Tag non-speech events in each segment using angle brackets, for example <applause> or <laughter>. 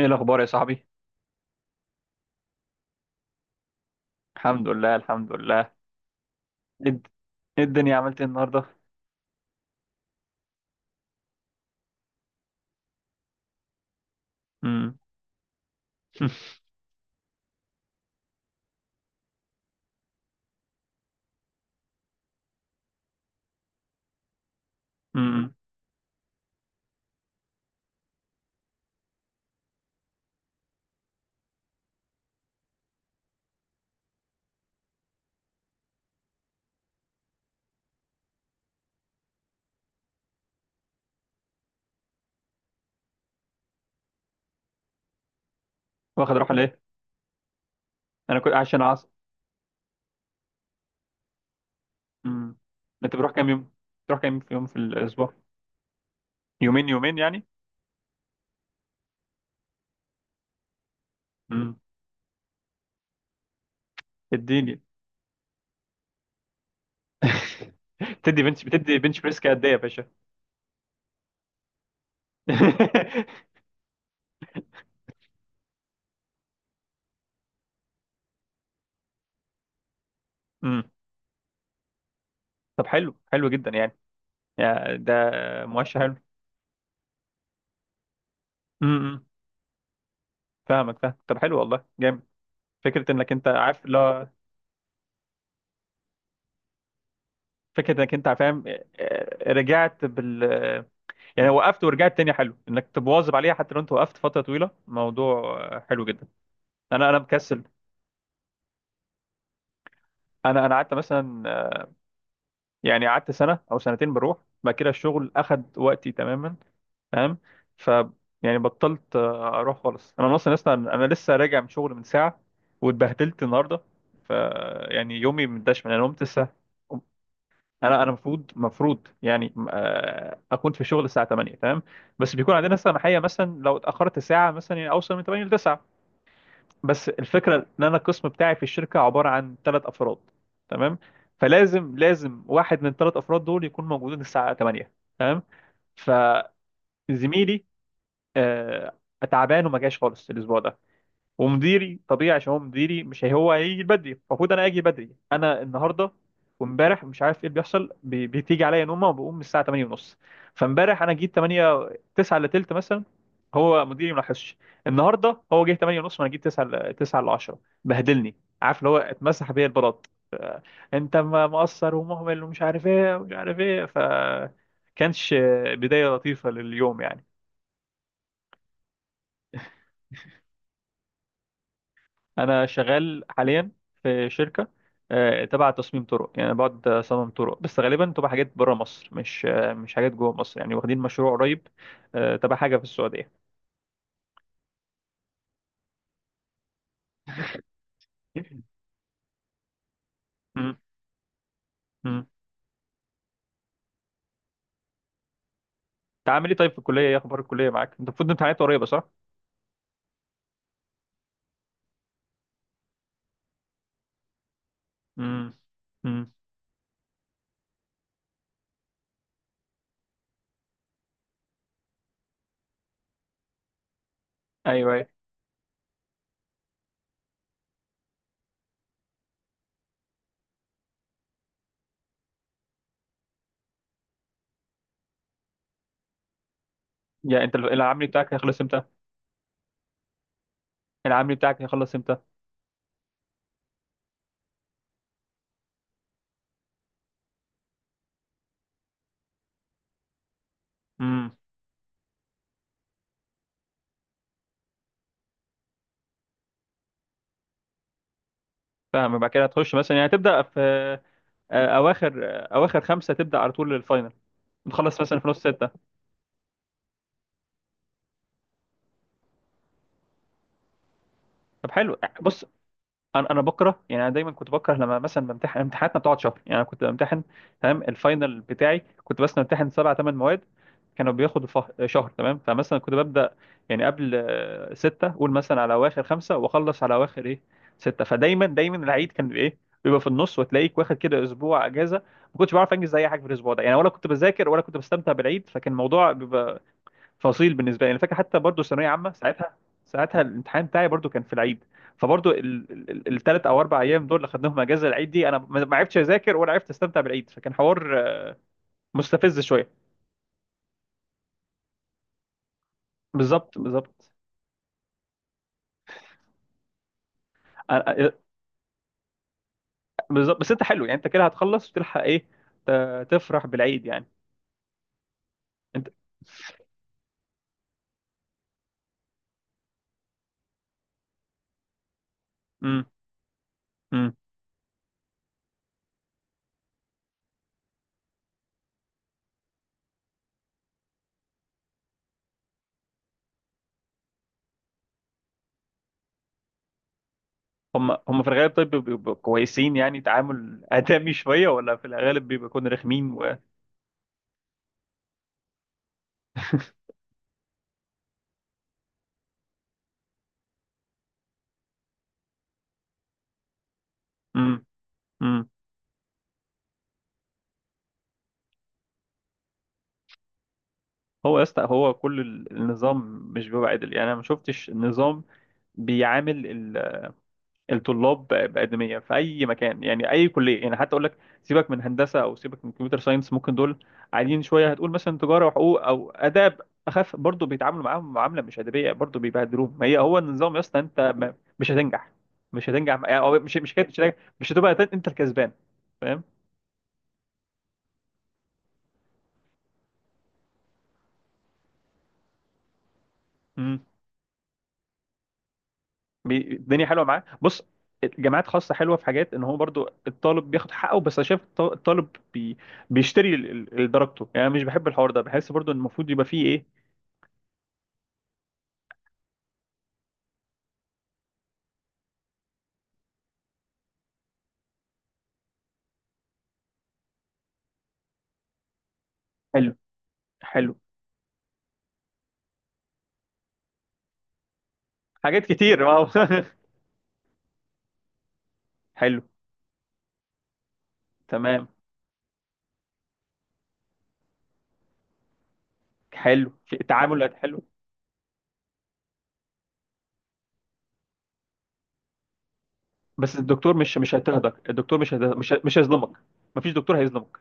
ايه الاخبار يا صاحبي؟ الحمد لله، الحمد لله. ايه الد- إيه الدنيا عملت إيه النهارده؟ امم. <laughs> امم. واخد راحه ليه؟ انا كنت عشان عصر. امم. انت بتروح كام يوم بتروح كام يوم في الاسبوع؟ يومين يومين يعني. امم. اديني. <laughs> بتدي بنش بريس قد ايه يا باشا؟ <laughs> امم. طب حلو، حلو جدا يعني. يا ده. مؤشر حلو. امم. فاهمك، فاهم. طب حلو، والله جامد. فكره انك انت عارف، لا. فكره انك انت فاهم، رجعت بال. يعني وقفت ورجعت تاني، حلو انك تبواظب عليها حتى لو انت وقفت فتره طويله. موضوع حلو جدا. انا مكسل. انا قعدت مثلا يعني قعدت سنه او سنتين بروح. بعد كده الشغل اخد وقتي تماما، فاهم. ف، يعني بطلت اروح خالص. انا لسه راجع من شغل من ساعه، واتبهدلت النهارده. ف، يعني يومي مدشمل. انا قمت الساعه. انا المفروض، يعني اكون في الشغل الساعه 8 تمام. بس بيكون عندنا مثلا محيه، مثلا لو اتاخرت ساعه مثلا يعني اوصل من 8 ل 9. بس الفكره ان انا القسم بتاعي في الشركه عباره عن 3 افراد، تمام. فلازم، واحد من الثلاث افراد دول يكون موجودين الساعه 8، تمام. فزميلي آه، تعبان وما جاش خالص الاسبوع ده. ومديري طبيعي، عشان هو مديري مش هو هيجي بدري، المفروض انا اجي بدري انا النهارده. وامبارح مش عارف ايه اللي بيحصل بتيجي عليا نومه وبقوم من الساعه 8 ونص. فامبارح انا جيت 8، 9 الا تلت مثلا، هو مديري ما لاحظش. النهارده هو جه 8 ونص وانا جيت 9، 9 الا 10. بهدلني، عارف اللي هو اتمسح بيا البلاط. ف، انت مقصر ومهمل ومش عارف ايه ومش عارف ايه. ف، كانش بدايه لطيفه لليوم يعني. انا شغال حاليا في شركه تبع تصميم طرق، يعني أنا بقعد اصمم طرق، بس غالبا تبقى حاجات بره مصر، مش مش حاجات جوه مصر يعني، واخدين مشروع قريب تبع حاجه في السعوديه. <laughs> امم، امم. انت عامل ايه طيب في الكليه؟ ايه اخبار الكليه معاك؟ انت المفروض امتحانات قريبه، صح؟ امم. امم. ايوه، ايوه. يعني انت العملي بتاعك هيخلص امتى؟ العملي بتاعك هيخلص امتى؟ امم. فاهم. يبقى كده هتخش مثلا، يعني هتبدا في اواخر 5، تبدا على طول الفاينل، تخلص مثلا في نص 6. طب حلو. بص، انا بكره، يعني انا دايما كنت بكره لما مثلا بمتحن. امتحاناتنا بتقعد شهر يعني. انا كنت بمتحن، تمام، الفاينل بتاعي كنت بس بمتحن سبع ثمان مواد، كانوا بياخدوا شهر تمام. فمثلا كنت ببدا يعني قبل 6، قول مثلا على اواخر 5، واخلص على اواخر ايه، 6. فدايما دايما العيد كان ايه، بيبقى في النص، وتلاقيك واخد كده اسبوع اجازه. ما كنتش بعرف انجز اي حاجه في الاسبوع ده يعني، ولا كنت بذاكر ولا كنت بستمتع بالعيد، فكان الموضوع بيبقى فصيل بالنسبه لي. انا فاكر حتى برضو ثانويه عامه ساعتها، ساعتها الامتحان بتاعي برضو كان في العيد. فبرضو الثلاث او اربع ايام دول اللي خدناهم اجازه العيد دي، انا ما عرفتش اذاكر ولا عرفت استمتع بالعيد، فكان حوار مستفز شويه. بالظبط، بالظبط. أنا- آه، بالظبط. بس انت حلو، يعني انت كده هتخلص وتلحق ايه، تفرح بالعيد يعني. انت. امم، امم. هم في الغالب طيب، بيبقوا كويسين يعني؟ تعامل آدمي شويه، ولا في الغالب بيبقوا يكونوا رخمين و... <laughs> امم. هو يا اسطى، هو كل النظام مش بيبقى عدل يعني. انا ما شفتش النظام بيعامل الطلاب بأدمية في اي مكان يعني، اي كليه يعني. حتى اقول لك سيبك من هندسه او سيبك من كمبيوتر ساينس ممكن دول عاديين شويه، هتقول مثلا تجاره وحقوق او اداب اخف، برضه بيتعاملوا معاهم معامله مش ادبيه، برضه بيبهدلوهم. ما هي هو النظام يا اسطى، انت مش هتنجح، مش هتنجح يعني. أو مش هتبقى انت الكسبان، فاهم. الدنيا حلوه معاه. بص، الجامعات خاصه حلوه في حاجات، ان هو برضو الطالب بياخد حقه. بس انا شايف الطالب بي، بيشتري درجته يعني. أنا مش بحب الحوار ده، بحس برضو ان المفروض يبقى فيه ايه. حلو، حلو. حاجات كتير، واو. <laughs> حلو. تمام. حلو، في تعاملات حلو. بس الدكتور مش هيضطهدك. الدكتور مش هيض- مش مش هيظلمك. مفيش دكتور هيظلمك.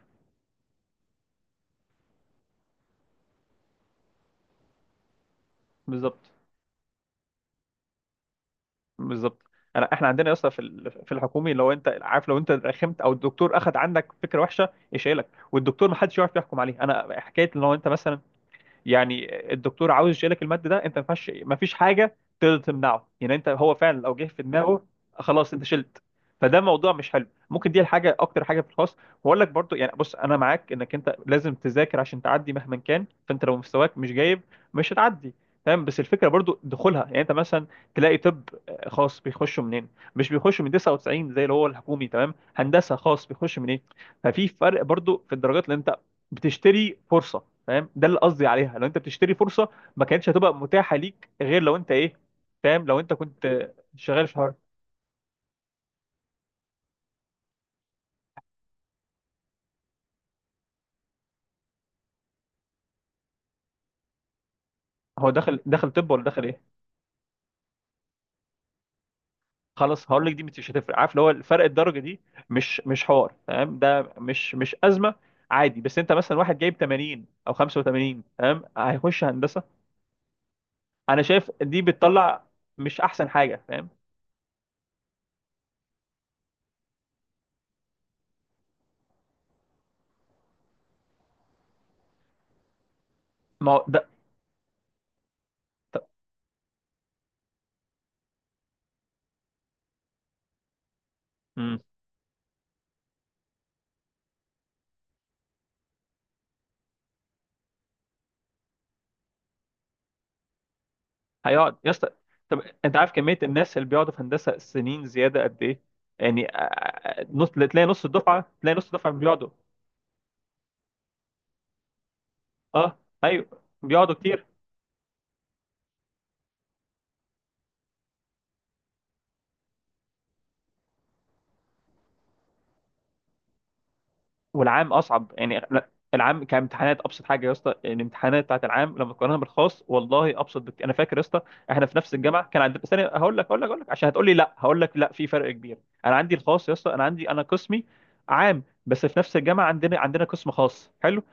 بالظبط، بالظبط. احنا عندنا اصلا في في الحكومي، لو انت عارف، لو انت رخمت او الدكتور اخذ عندك فكره وحشه يشيلك، والدكتور ما حدش يعرف يحكم عليه. انا حكايه لو انت مثلا يعني الدكتور عاوز يشيلك المادة ده، انت ما فيش حاجة تقدر تمنعه. يعني انت هو فعلا لو جه في دماغه، خلاص انت شلت. فده موضوع مش حلو، ممكن دي الحاجة اكتر حاجة في الخاص. واقول لك برضو، يعني بص انا معاك انك انت لازم تذاكر عشان تعدي مهما كان، فانت لو مستواك مش جايب مش هتعدي، تمام. بس الفكرة برضو دخولها، يعني انت مثلا تلاقي طب خاص بيخشوا منين؟ مش بيخشوا من 99 زي اللي هو الحكومي، تمام. هندسة خاص بيخش من ايه؟ ففي فرق برضو في الدرجات اللي انت بتشتري فرصة، فاهم، ده اللي قصدي عليها. لو انت بتشتري فرصه ما كانتش هتبقى متاحه ليك غير لو انت ايه، فاهم، لو انت كنت شغال في حوار. هو دخل، طب ولا دخل ايه؟ خلاص هقول لك، دي مش هتفرق. عارف اللي هو الفرق الدرجه دي مش حوار، تمام، ده مش ازمه عادي. بس انت مثلا واحد جايب 80 او 85، تمام، هيخش هندسه. انا شايف دي بتطلع مش احسن حاجه، فاهم. ما هو ده. هيقعد يا اسطى. طب انت عارف كميه الناس اللي بيقعدوا في هندسه سنين زياده قد ايه؟ يعني آه، آه، نص تلاقي نص الدفعه بيقعدوا. اه، ايوه، بيقعدوا كتير. والعام اصعب يعني، لا، العام كامتحانات ابسط حاجه يا اسطى. الامتحانات بتاعت العام لما تقارنها بالخاص، والله ابسط بكتير. انا فاكر يا اسطى، احنا في نفس الجامعه كان عندنا ثانيه، هقول لك عشان هتقول لي لا، هقول لك لا في فرق كبير. انا عندي الخاص يا اسطى، انا قسمي عام، بس في نفس الجامعه عندنا قسم خاص حلو،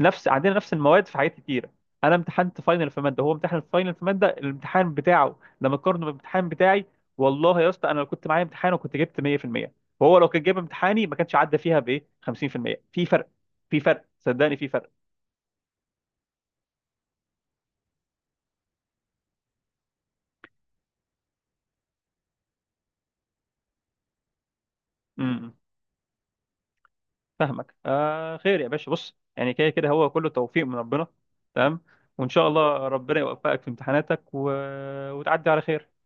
عندنا نفس المواد في حاجات كتيره. انا امتحنت فاينل في ماده، هو امتحن فاينل في ماده، الامتحان بتاعه لما قارنه بالامتحان بتاعي، والله يا اسطى، انا لو كنت معايا امتحان وكنت جبت 100%، وهو لو كان جايب امتحاني ما كانش عدى فيها بايه 50% في المية. في فرق، في فرق صدقني، في فرق. امم. فاهمك. خير يا باشا. بص يعني، كده كده هو كله توفيق من ربنا، تمام. وان شاء الله ربنا يوفقك في امتحاناتك، و... وتعدي على خير.